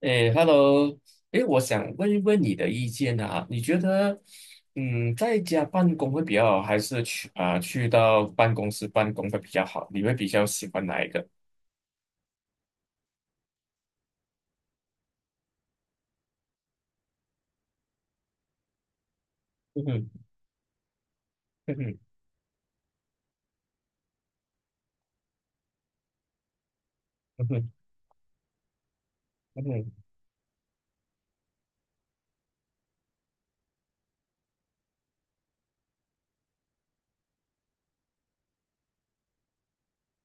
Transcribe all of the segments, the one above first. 哎 hello 诶，我想问一问你的意见啊，你觉得，在家办公会比较好，还是去到办公室办公会比较好？你会比较喜欢哪一个？嗯哼，嗯哼，嗯哼，嗯哼，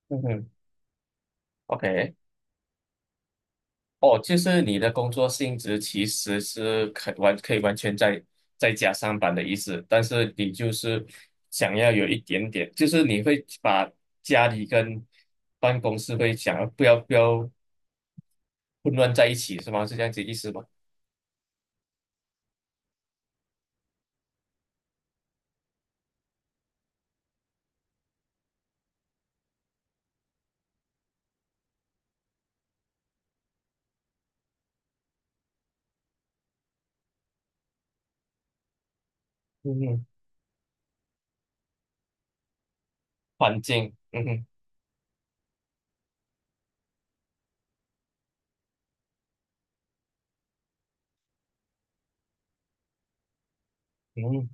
嗯哼，OK，哦，就是你的工作性质其实是可以完全在家上班的意思，但是你就是想要有一点点，就是你会把家里跟办公室会想要不要混乱在一起是吗？是这样子意思吗？嗯哼，环境，嗯哼，嗯，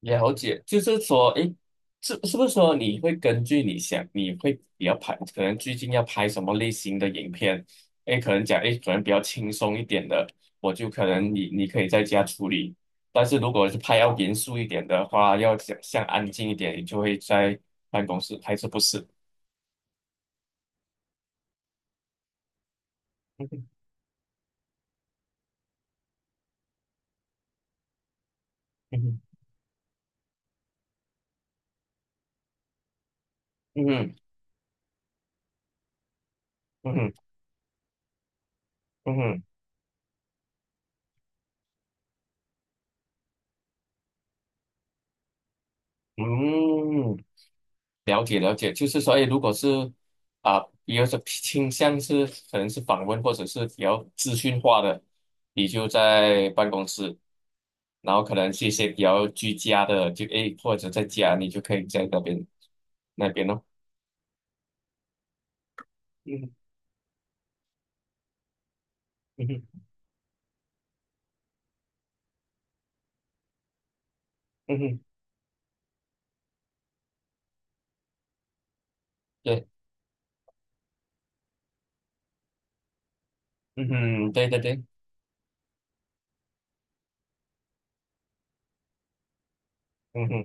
了解，就是说，诶，是不是说你会根据你会比较拍，可能最近要拍什么类型的影片？诶，可能讲，诶，可能比较轻松一点的，我就可能你可以在家处理，但是如果是拍要严肃一点的话，要想像安静一点，你就会在办公室，还是不是？嗯哼，嗯哼，嗯哼，嗯哼，嗯哼，嗯哼嗯。了解了解，就是说，哎，如果是啊，有种倾向是可能是访问或者是比较资讯化的，你就在办公室，然后可能是一些比较居家的，就哎或者在家，你就可以在那边咯。嗯嗯哼嗯哼，对，嗯哼，对对对，嗯哼，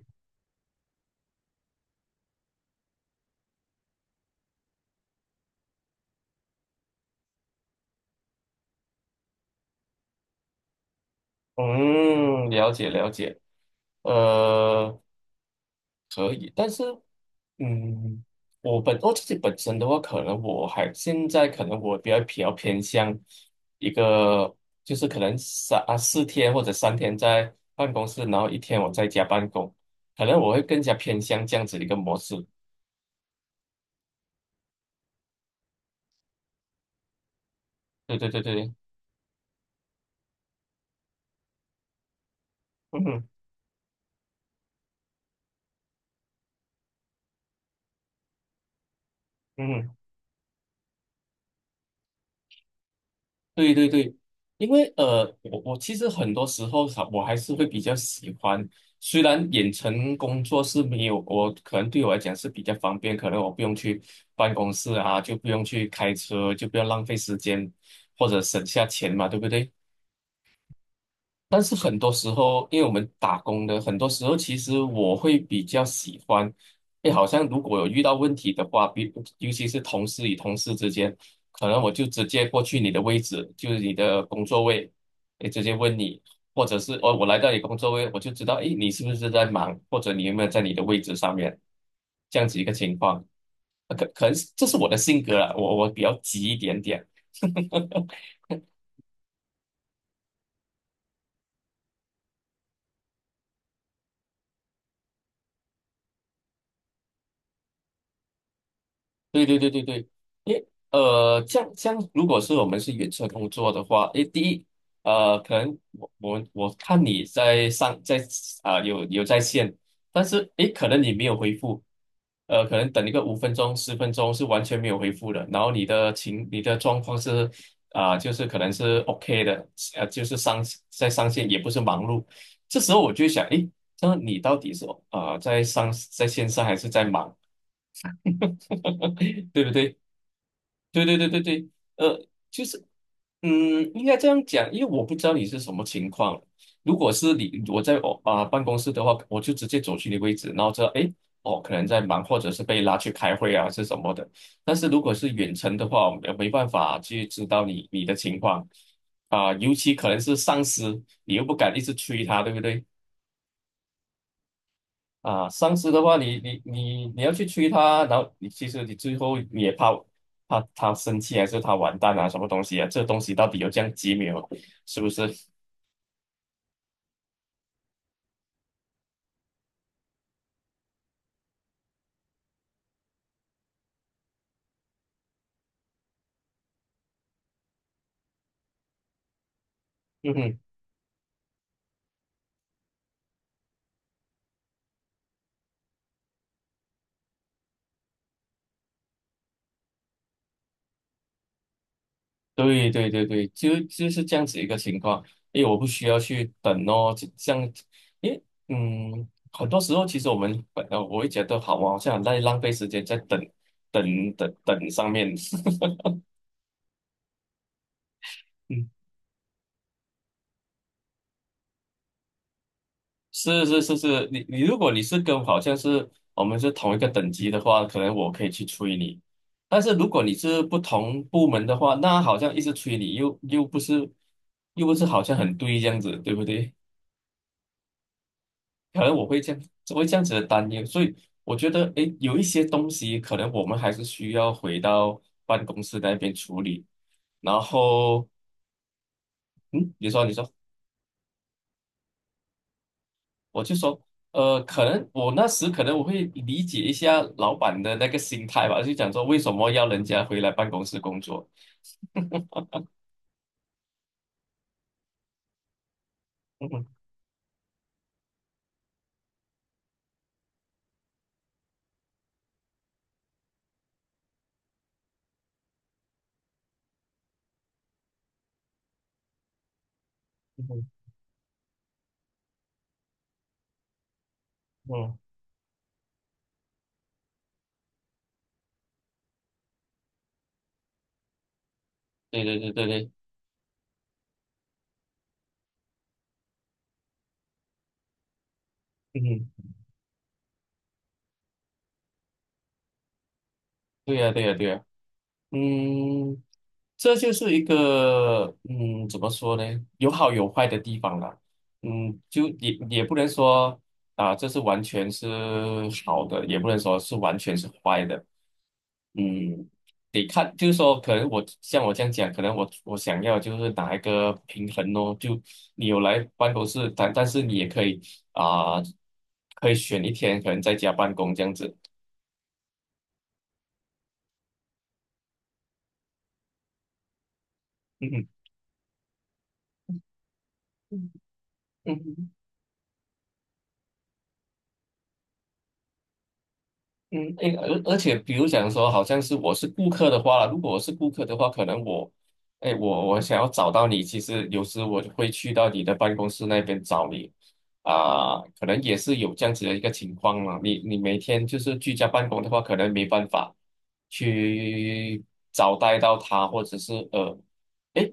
嗯，了解了解，呃，可以，但是。嗯，我自己本身的话，可能我还现在可能我比较偏向一个，就是可能3啊4天或者3天在办公室，然后一天我在家办公，可能我会更加偏向这样子一个模式。对对对对，嗯哼嗯哼。对对对，因为我其实很多时候哈我还是会比较喜欢，虽然远程工作是没有，我可能对我来讲是比较方便，可能我不用去办公室啊，就不用去开车，就不要浪费时间或者省下钱嘛，对不对？但是很多时候，因为我们打工的，很多时候其实我会比较喜欢，哎，好像如果有遇到问题的话，尤其是同事与同事之间，可能我就直接过去你的位置，就是你的工作位，哎，直接问你，或者是哦，我来到你工作位，我就知道，哎，你是不是在忙，或者你有没有在你的位置上面，这样子一个情况，可能这是我的性格啦，我比较急一点点，对对对对对，诶，这样这样，如果是我们是远程工作的话，诶，第一，可能我看你在上在啊、有在线，但是诶，可能你没有回复，可能等一个5分钟10分钟是完全没有回复的，然后你的状况是就是可能是 OK 的，就是在上线也不是忙碌，这时候我就想，诶，那你到底是在线上还是在忙？对不对？对对对对对，呃，就是，应该这样讲，因为我不知道你是什么情况。如果是你我在办公室的话，我就直接走去你位置，然后知道，诶，哦，可能在忙，或者是被拉去开会啊，是什么的。但是如果是远程的话，我没办法去知道你的情况尤其可能是上司，你又不敢一直催他，对不对？啊，上司的话你要去催他，然后你其实你最后也怕他生气，还是他完蛋啊，什么东西啊？这东西到底有这样急没有？是不是？嗯哼，对对对对，就是这样子一个情况。因为我不需要去等哦，就这样，因为很多时候其实我们本来我会觉得好，啊好像很在浪费时间在等等等等上面。是是是是，你如果你是跟好像是我们是同一个等级的话，可能我可以去催你。但是如果你是不同部门的话，那好像一直催你，又不是好像很对这样子，对不对？可能我会这样，我会这样子的担忧，所以我觉得，诶，有一些东西可能我们还是需要回到办公室那边处理。然后，嗯，你说你说。我就说，可能我那时可能我会理解一下老板的那个心态吧，就讲说为什么要人家回来办公室工作。嗯哼嗯哼嗯，对对对对对，嗯哼，对呀对呀对呀。嗯，这就是一个怎么说呢？有好有坏的地方啦。嗯，就也不能说啊，这是完全是好的，也不能说是完全是坏的。嗯，得看，就是说，可能我像我这样讲，可能我想要就是拿一个平衡哦，就你有来办公室，但是你也可以啊、可以选一天，可能在家办公这样子。嗯哼嗯嗯，诶，而且比如讲说，好像是我是顾客的话，如果我是顾客的话，可能我，哎，我想要找到你，其实有时我就会去到你的办公室那边找你，可能也是有这样子的一个情况嘛。你每天就是居家办公的话，可能没办法去招待到他，或者是哎，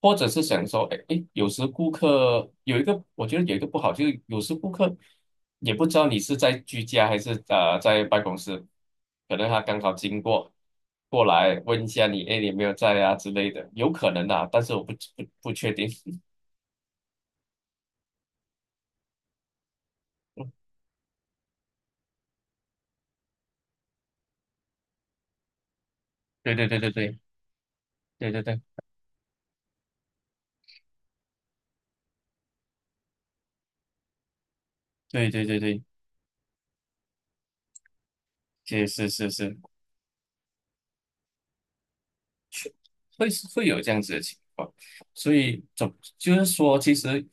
或者是想说，哎哎，有时顾客有一个，我觉得有一个不好，就是有时顾客也不知道你是在居家还是在办公室，可能他刚好经过过来问一下你，哎，你有没有在啊之类的，有可能啊，但是我不确定。对对对对对对对对对对对对，是是是是。会有这样子的情况，所以就是说，其实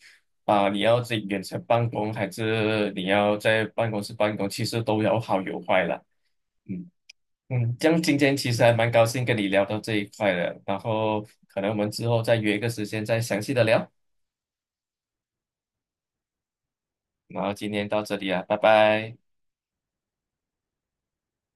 你要在远程办公还是你要在办公室办公，其实都有好有坏啦。嗯嗯，这样今天其实还蛮高兴跟你聊到这一块的，然后可能我们之后再约一个时间再详细的聊。然后今天到这里啊，拜拜。